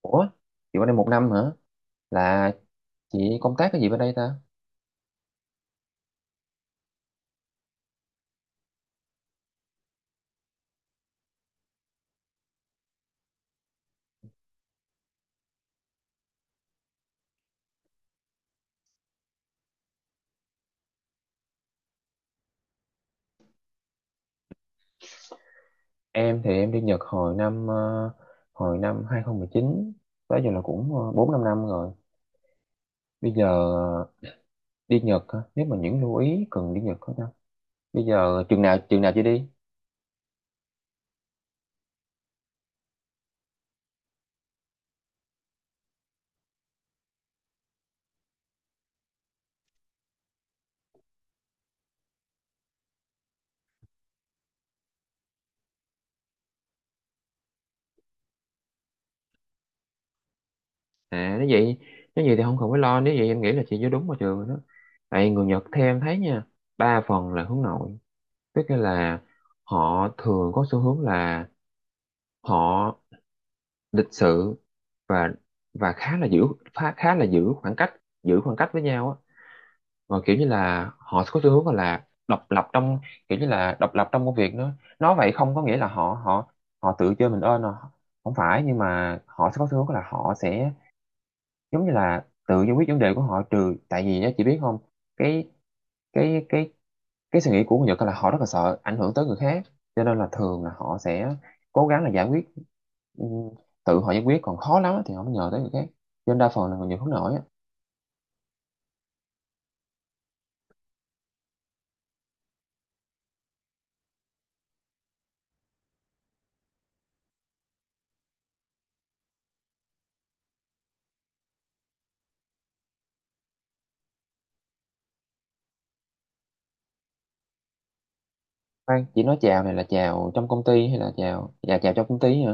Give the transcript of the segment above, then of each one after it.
Ủa, chị qua đây một năm hả? Là chị công tác cái gì bên đây ta? Em thì em đi Nhật hồi năm 2019, tới giờ là cũng 4-5 năm rồi. Bây giờ ờ, đi Nhật hả? Nếu mà những lưu ý cần đi Nhật hả ta? Bây giờ chừng nào chị đi? À, nếu vậy thì không cần phải lo, nếu vậy em nghĩ là chị vô đúng vào trường rồi đó. Tại người Nhật theo em thấy nha, ba phần là hướng nội, tức là họ thường có xu hướng là họ lịch sự và và khá là giữ khoảng cách với nhau á, và kiểu như là họ có xu hướng gọi là độc lập trong công việc nữa. Nói vậy không có nghĩa là họ họ họ tự chơi mình ơn à. Không phải, nhưng mà họ sẽ có xu hướng là họ sẽ giống như là tự giải quyết vấn đề của họ, trừ tại vì nhá, chị biết không, cái cái cái cái suy nghĩ của người Nhật là họ rất là sợ ảnh hưởng tới người khác, cho nên là thường là họ sẽ cố gắng là giải quyết, ừ, tự họ giải quyết còn khó lắm á thì họ mới nhờ tới người khác, cho nên đa phần là người Nhật hướng nội á. Khoan, chỉ nói chào này là chào trong công ty hay là chào trong công ty hả?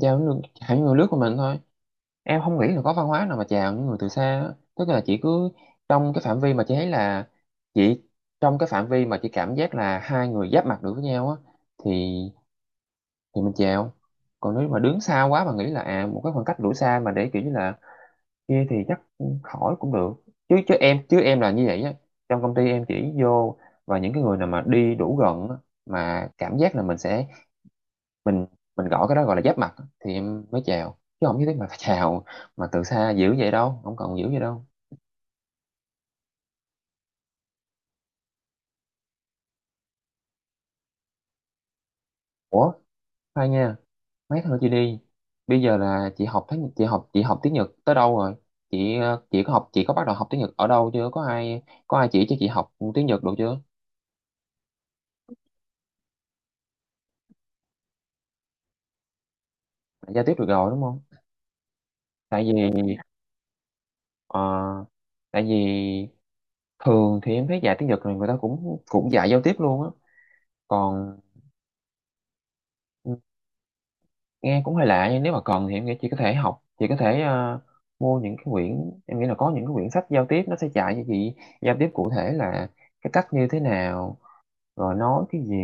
Chào những người nước của mình thôi, em không nghĩ là có văn hóa nào mà chào những người từ xa á. Tức là chỉ cứ trong cái phạm vi mà chị thấy là chị trong cái phạm vi mà chị cảm giác là hai người giáp mặt được với nhau á, thì thì mình chèo. Còn nếu mà đứng xa quá mà nghĩ là, một cái khoảng cách đủ xa mà để kiểu như là kia, thì chắc khỏi cũng được. Chứ chứ em chứ em là như vậy á, trong công ty em chỉ vô và những cái người nào mà đi đủ gần á, mà cảm giác là mình sẽ mình mình gọi cái đó, gọi là giáp mặt á, thì em mới chào, chứ không nhất thiết mà phải chào mà từ xa dữ vậy đâu, không cần dữ vậy đâu. Ủa, khoan nha, mấy thôi chị đi. Bây giờ là chị học tiếng Nhật tới đâu rồi? Chị có học, chị có bắt đầu học tiếng Nhật ở đâu chưa? Có ai chỉ cho chị học tiếng Nhật được chưa? Đã giao tiếp được rồi đúng không? Tại vì ờ, tại vì thường thì em thấy dạy tiếng Nhật này người ta cũng cũng dạy giao tiếp luôn á. Còn nghe cũng hơi lạ, nhưng nếu mà cần thì em nghĩ chị có thể học chị có thể ờ, mua những cái quyển. Em nghĩ là có những cái quyển sách giao tiếp, nó sẽ dạy cho chị giao tiếp cụ thể là cái cách như thế nào, rồi nói cái gì.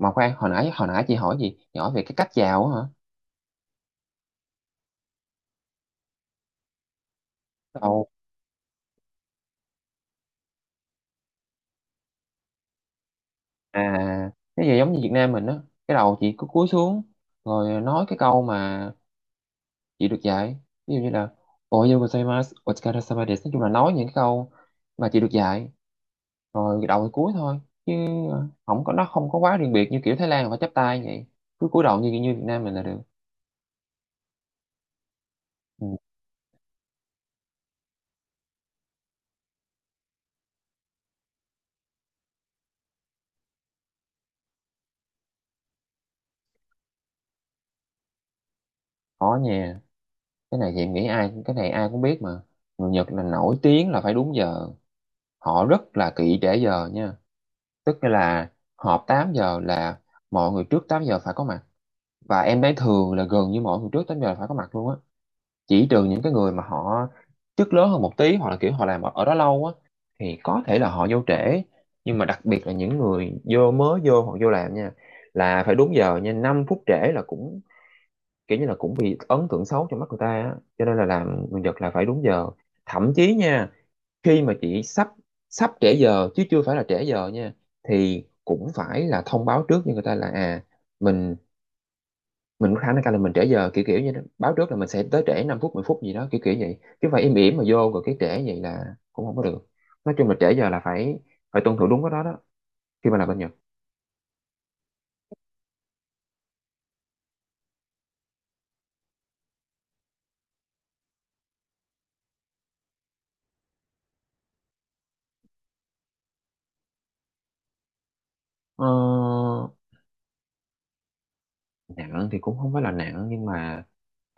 Mà khoan, hồi nãy chị hỏi về cái cách chào á hả? Đầu, cái gì giống như Việt Nam mình á, cái đầu chị cứ cúi xuống rồi nói cái câu mà chị được dạy, ví dụ như là oyo gozaimasu otsukare, nói chung là nói những cái câu mà chị được dạy, rồi đầu thì cúi thôi, chứ không có nó không có quá riêng biệt như kiểu Thái Lan là phải chắp tay vậy. Cứ cúi đầu như như Việt Nam mình là được. Ừ, có nha. Cái này thì em nghĩ ai cái này ai cũng biết mà, người Nhật là nổi tiếng là phải đúng giờ, họ rất là kỹ để giờ nha. Tức là họp 8 giờ là mọi người trước 8 giờ phải có mặt, và em thấy thường là gần như mọi người trước 8 giờ phải có mặt luôn á, chỉ trừ những cái người mà họ chức lớn hơn một tí, hoặc là kiểu họ làm ở đó lâu á, thì có thể là họ vô trễ. Nhưng mà đặc biệt là những người mới vô hoặc vô làm nha, là phải đúng giờ nha. 5 phút trễ là cũng kiểu như là cũng bị ấn tượng xấu trong mắt người ta á, cho nên là làm người Nhật là phải đúng giờ. Thậm chí nha, khi mà chị sắp sắp trễ giờ chứ chưa phải là trễ giờ nha, thì cũng phải là thông báo trước cho người ta là, mình mình có khả năng cao là mình trễ giờ, kiểu kiểu như đó. Báo trước là mình sẽ tới trễ 5 phút 10 phút gì đó, kiểu kiểu vậy, chứ phải im ỉm mà vô rồi cái trễ vậy là cũng không có được. Nói chung là trễ giờ là phải phải tuân thủ đúng cái đó đó, khi mà làm bên Nhật. Ờ, nặng thì cũng không phải là nặng, nhưng mà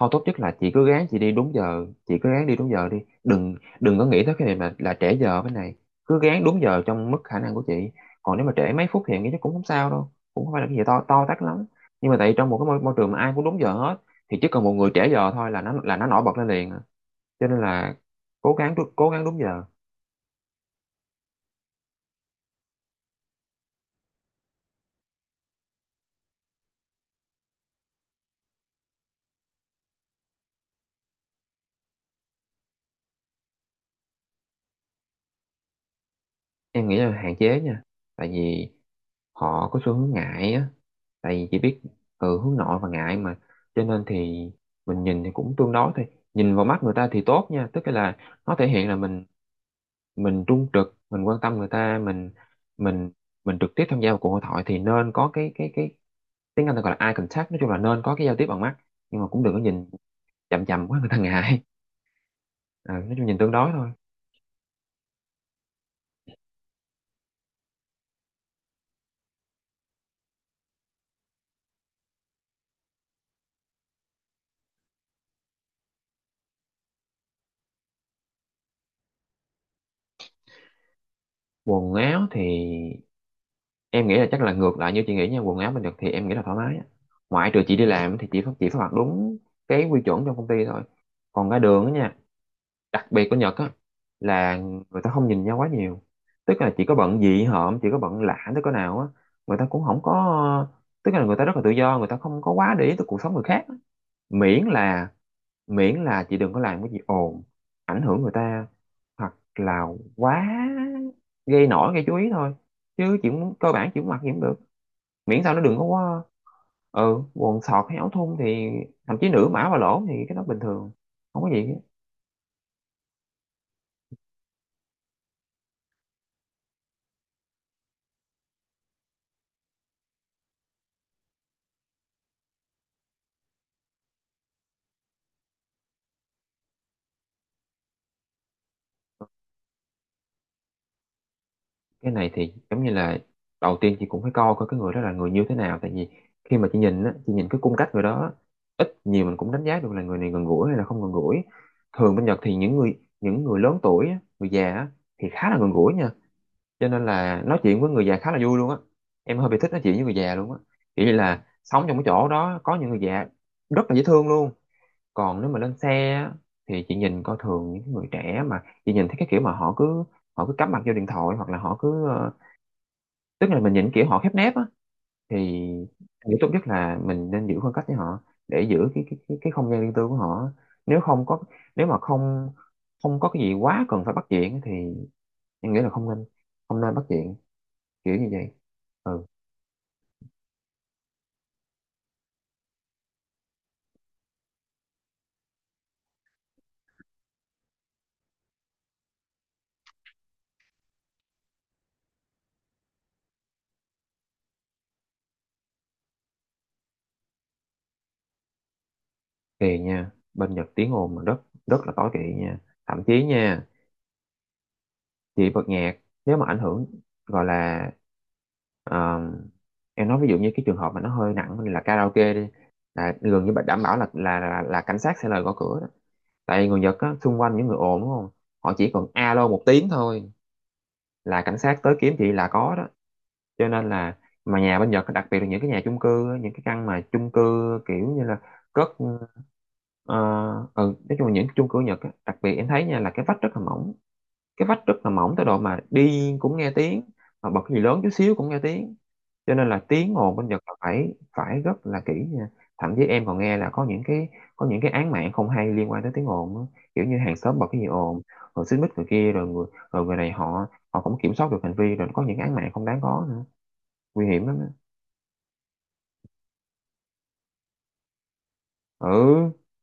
thôi tốt nhất là chị cứ ráng đi đúng giờ đi. Đừng đừng có nghĩ tới cái này là trễ giờ bên này, cứ ráng đúng giờ trong mức khả năng của chị. Còn nếu mà trễ mấy phút thì em nghĩ chắc cũng không sao đâu, cũng không phải là cái gì to tát lắm. Nhưng mà tại vì trong một cái môi trường mà ai cũng đúng giờ hết, thì chỉ cần một người trễ giờ thôi là nó nổi bật lên liền à, cho nên là cố gắng đúng giờ. Em nghĩ là hạn chế nha, tại vì họ có xu hướng ngại á, tại vì chỉ biết, hướng nội và ngại mà, cho nên thì mình nhìn thì cũng tương đối thôi. Nhìn vào mắt người ta thì tốt nha, tức là nó thể hiện là mình trung trực, mình quan tâm người ta, mình mình trực tiếp tham gia vào cuộc hội thoại, thì nên có cái tiếng Anh ta gọi là eye contact, nói chung là nên có cái giao tiếp bằng mắt. Nhưng mà cũng đừng có nhìn chằm chằm quá, người ta ngại. Ờ, nói chung nhìn tương đối thôi. Quần áo thì em nghĩ là chắc là ngược lại như chị nghĩ nha, quần áo mình được thì em nghĩ là thoải mái á, ngoại trừ chị đi làm thì chị phải chỉ phải mặc đúng cái quy chuẩn trong công ty thôi. Còn ra đường á nha, đặc biệt của Nhật á là người ta không nhìn nhau quá nhiều, tức là chị có bận dị hợm, chị có bận lạ tới cỡ nào á, người ta cũng không có. Tức là người ta rất là tự do, người ta không có quá để ý tới cuộc sống người khác, miễn là, chị đừng có làm cái gì ồn ảnh hưởng người ta, hoặc là quá, gây chú ý thôi. Chứ chỉ muốn cơ bản chỉ muốn mặc gì cũng được, miễn sao nó đừng có quá. Quần sọt hay áo thun thì, thậm chí nửa mã và lỗ, thì cái đó bình thường, không có gì hết. Cái này thì giống như là đầu tiên chị cũng phải coi coi cái người đó là người như thế nào. Tại vì khi mà chị nhìn á, chị nhìn cái cung cách người đó á, ít nhiều mình cũng đánh giá được là người này gần gũi hay là không gần gũi. Thường bên Nhật thì những người lớn tuổi á, người già á, thì khá là gần gũi nha. Cho nên là nói chuyện với người già khá là vui luôn á. Em hơi bị thích nói chuyện với người già luôn á, kiểu như là sống trong cái chỗ đó có những người già rất là dễ thương luôn. Còn nếu mà lên xe á, thì chị nhìn coi, thường những người trẻ mà chị nhìn thấy cái kiểu mà họ cứ cắm mặt vô điện thoại, hoặc là tức là mình nhìn kiểu họ khép nép á, thì nghĩ tốt nhất là mình nên giữ khoảng cách với họ, để giữ cái không gian riêng tư của họ. Nếu không có nếu mà không không có cái gì quá cần phải bắt chuyện thì em nghĩ là không nên, không nên bắt chuyện kiểu như vậy. Ừ, kỳ nha, bên Nhật tiếng ồn mà rất rất là tối kỵ nha. Thậm chí nha, thì bật nhạc nếu mà ảnh hưởng, gọi là ờ, em nói ví dụ như cái trường hợp mà nó hơi nặng là karaoke đi, là gần như bạn đảm bảo là, cảnh sát sẽ lời gõ cửa đó. Tại vì người Nhật á, xung quanh những người ồn đúng không, họ chỉ cần alo một tiếng thôi là cảnh sát tới kiếm chị là có đó. Cho nên là, mà nhà bên Nhật đặc biệt là những cái nhà chung cư á, những cái căn mà chung cư, kiểu như là cất ờ, ừ, nói chung là những chung cư Nhật á, đặc biệt em thấy nha là cái vách rất là mỏng, cái vách rất là mỏng tới độ mà đi cũng nghe tiếng, mà bật cái gì lớn chút xíu cũng nghe tiếng. Cho nên là tiếng ồn bên Nhật là phải phải rất là kỹ nha. Thậm chí em còn nghe là có những cái án mạng không hay liên quan tới tiếng ồn á. Kiểu như hàng xóm bật cái gì ồn rồi xích mích người kia, rồi người này họ họ không kiểm soát được hành vi, rồi có những án mạng không đáng có nữa, nguy hiểm lắm á. Ừ,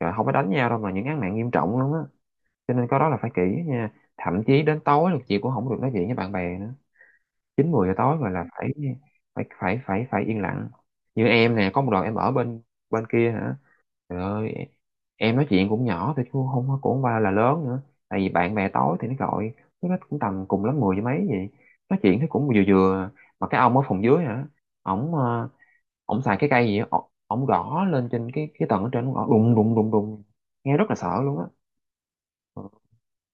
trời, không phải đánh nhau đâu mà những án mạng nghiêm trọng lắm á. Cho nên cái đó là phải kỹ nha, thậm chí đến tối là chị cũng không được nói chuyện với bạn bè nữa, 9-10 giờ tối rồi là phải, phải phải phải phải yên lặng. Như em nè, có một đoạn em ở bên bên kia hả, trời ơi, em nói chuyện cũng nhỏ thôi chứ không có- cũng không qua là lớn nữa, tại vì bạn bè tối thì nó gọi, chứ nó cũng tầm cùng lắm 10 với mấy vậy, nói chuyện thì cũng vừa vừa, mà cái ông ở phòng dưới hả, ổng ờ, ổng xài cái cây gì á, ổng ổng gõ lên trên cái tầng ở trên, ổng gõ đùng đùng đùng đùng, nghe rất là sợ luôn á. Ừ,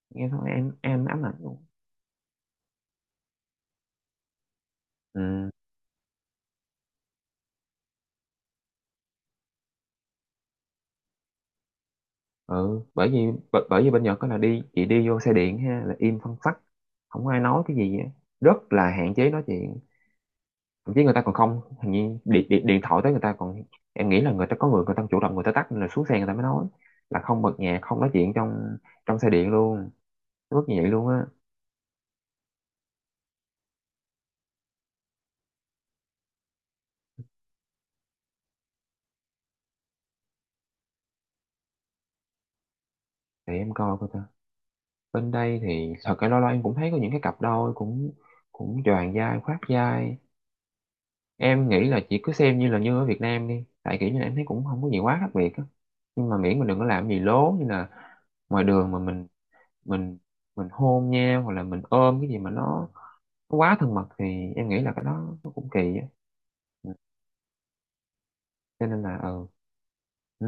nghe thôi em ám ảnh luôn. Ừ. Ừ, bởi vì bên Nhật đó là đi, chị đi vô xe điện ha là im phăng phắc, không có ai nói cái gì á. Rất là hạn chế nói chuyện. Thậm chí người ta còn không, hình như điện thoại tới người ta còn, em nghĩ là người ta có người người ta chủ động người ta tắt, nên là xuống xe người ta mới nói, là không bật nhạc, không nói chuyện trong trong xe điện luôn, rất như vậy luôn á. Để em coi coi ta, bên đây thì thật cái, lo lo em cũng thấy có những cái cặp đôi cũng cũng choàng vai khoác vai. Em nghĩ là chị cứ xem như là như ở Việt Nam đi, tại kiểu như là em thấy cũng không có gì quá khác biệt á. Nhưng mà miễn mình đừng có làm gì lố, như là ngoài đường mà mình mình hôn nhau hoặc là mình ôm cái gì mà nó quá thân mật, thì em nghĩ là cái đó nó cũng kỳ á. Ừ. Cho nên là ừ, ừ,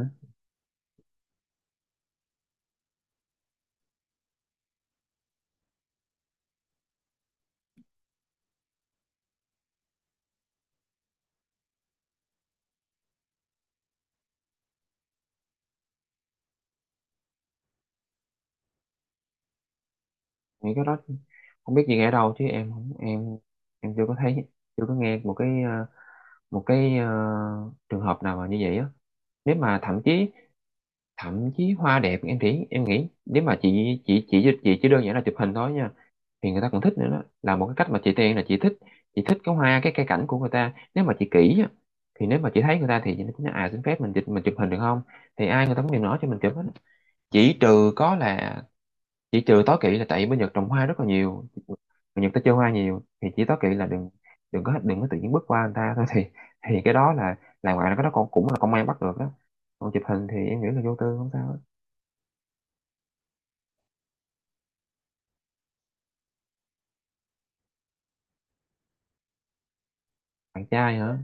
nghĩ cái đó không biết gì ở đâu, chứ em không em em chưa có thấy, chưa có nghe một trường hợp nào mà như vậy á. Nếu mà thậm chí hoa đẹp, em nghĩ nếu mà chị chỉ đơn giản là chụp hình thôi nha, thì người ta còn thích nữa, đó là một cái cách mà chị tiên là Chị thích cái hoa, cái cây cảnh của người ta, nếu mà chị kỹ á, thì nếu mà chị thấy người ta thì chị nói à, xin phép mình chụp hình được không, thì ai người ta cũng đều nói cho mình chụp hết. chỉ trừ có là chỉ trừ tối kỵ là, tại bên Nhật trồng hoa rất là nhiều, người Nhật ta chơi hoa nhiều, thì chỉ tối kỵ là đừng, đừng có tự nhiên bước qua người ta thôi thì cái đó là ngoài là cái đó cũng cũng là công an bắt được đó. Còn chụp hình thì em nghĩ là vô tư, không sao. Bạn trai hả?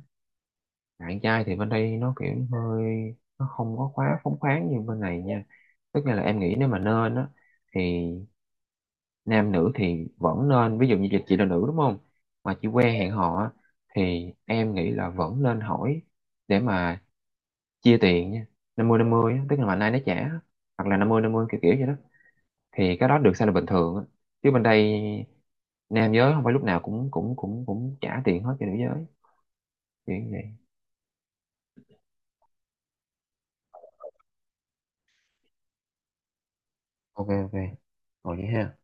Bạn trai thì bên đây nó kiểu hơi, nó không có quá phóng khoáng như bên này nha. Tức là em nghĩ nếu mà nên á, thì nam nữ thì vẫn nên, ví dụ như chị là nữ đúng không, mà chị quen hẹn hò á, thì em nghĩ là vẫn nên hỏi để mà chia tiền nha. 50-50, tức là mà nay nó trả, hoặc là 50-50, kiểu kiểu vậy đó, thì cái đó được xem là bình thường á. Chứ bên đây nam giới không phải lúc nào cũng cũng trả tiền hết cho nữ giới, kiểu như vậy. Ok, ok, rồi vậy ha.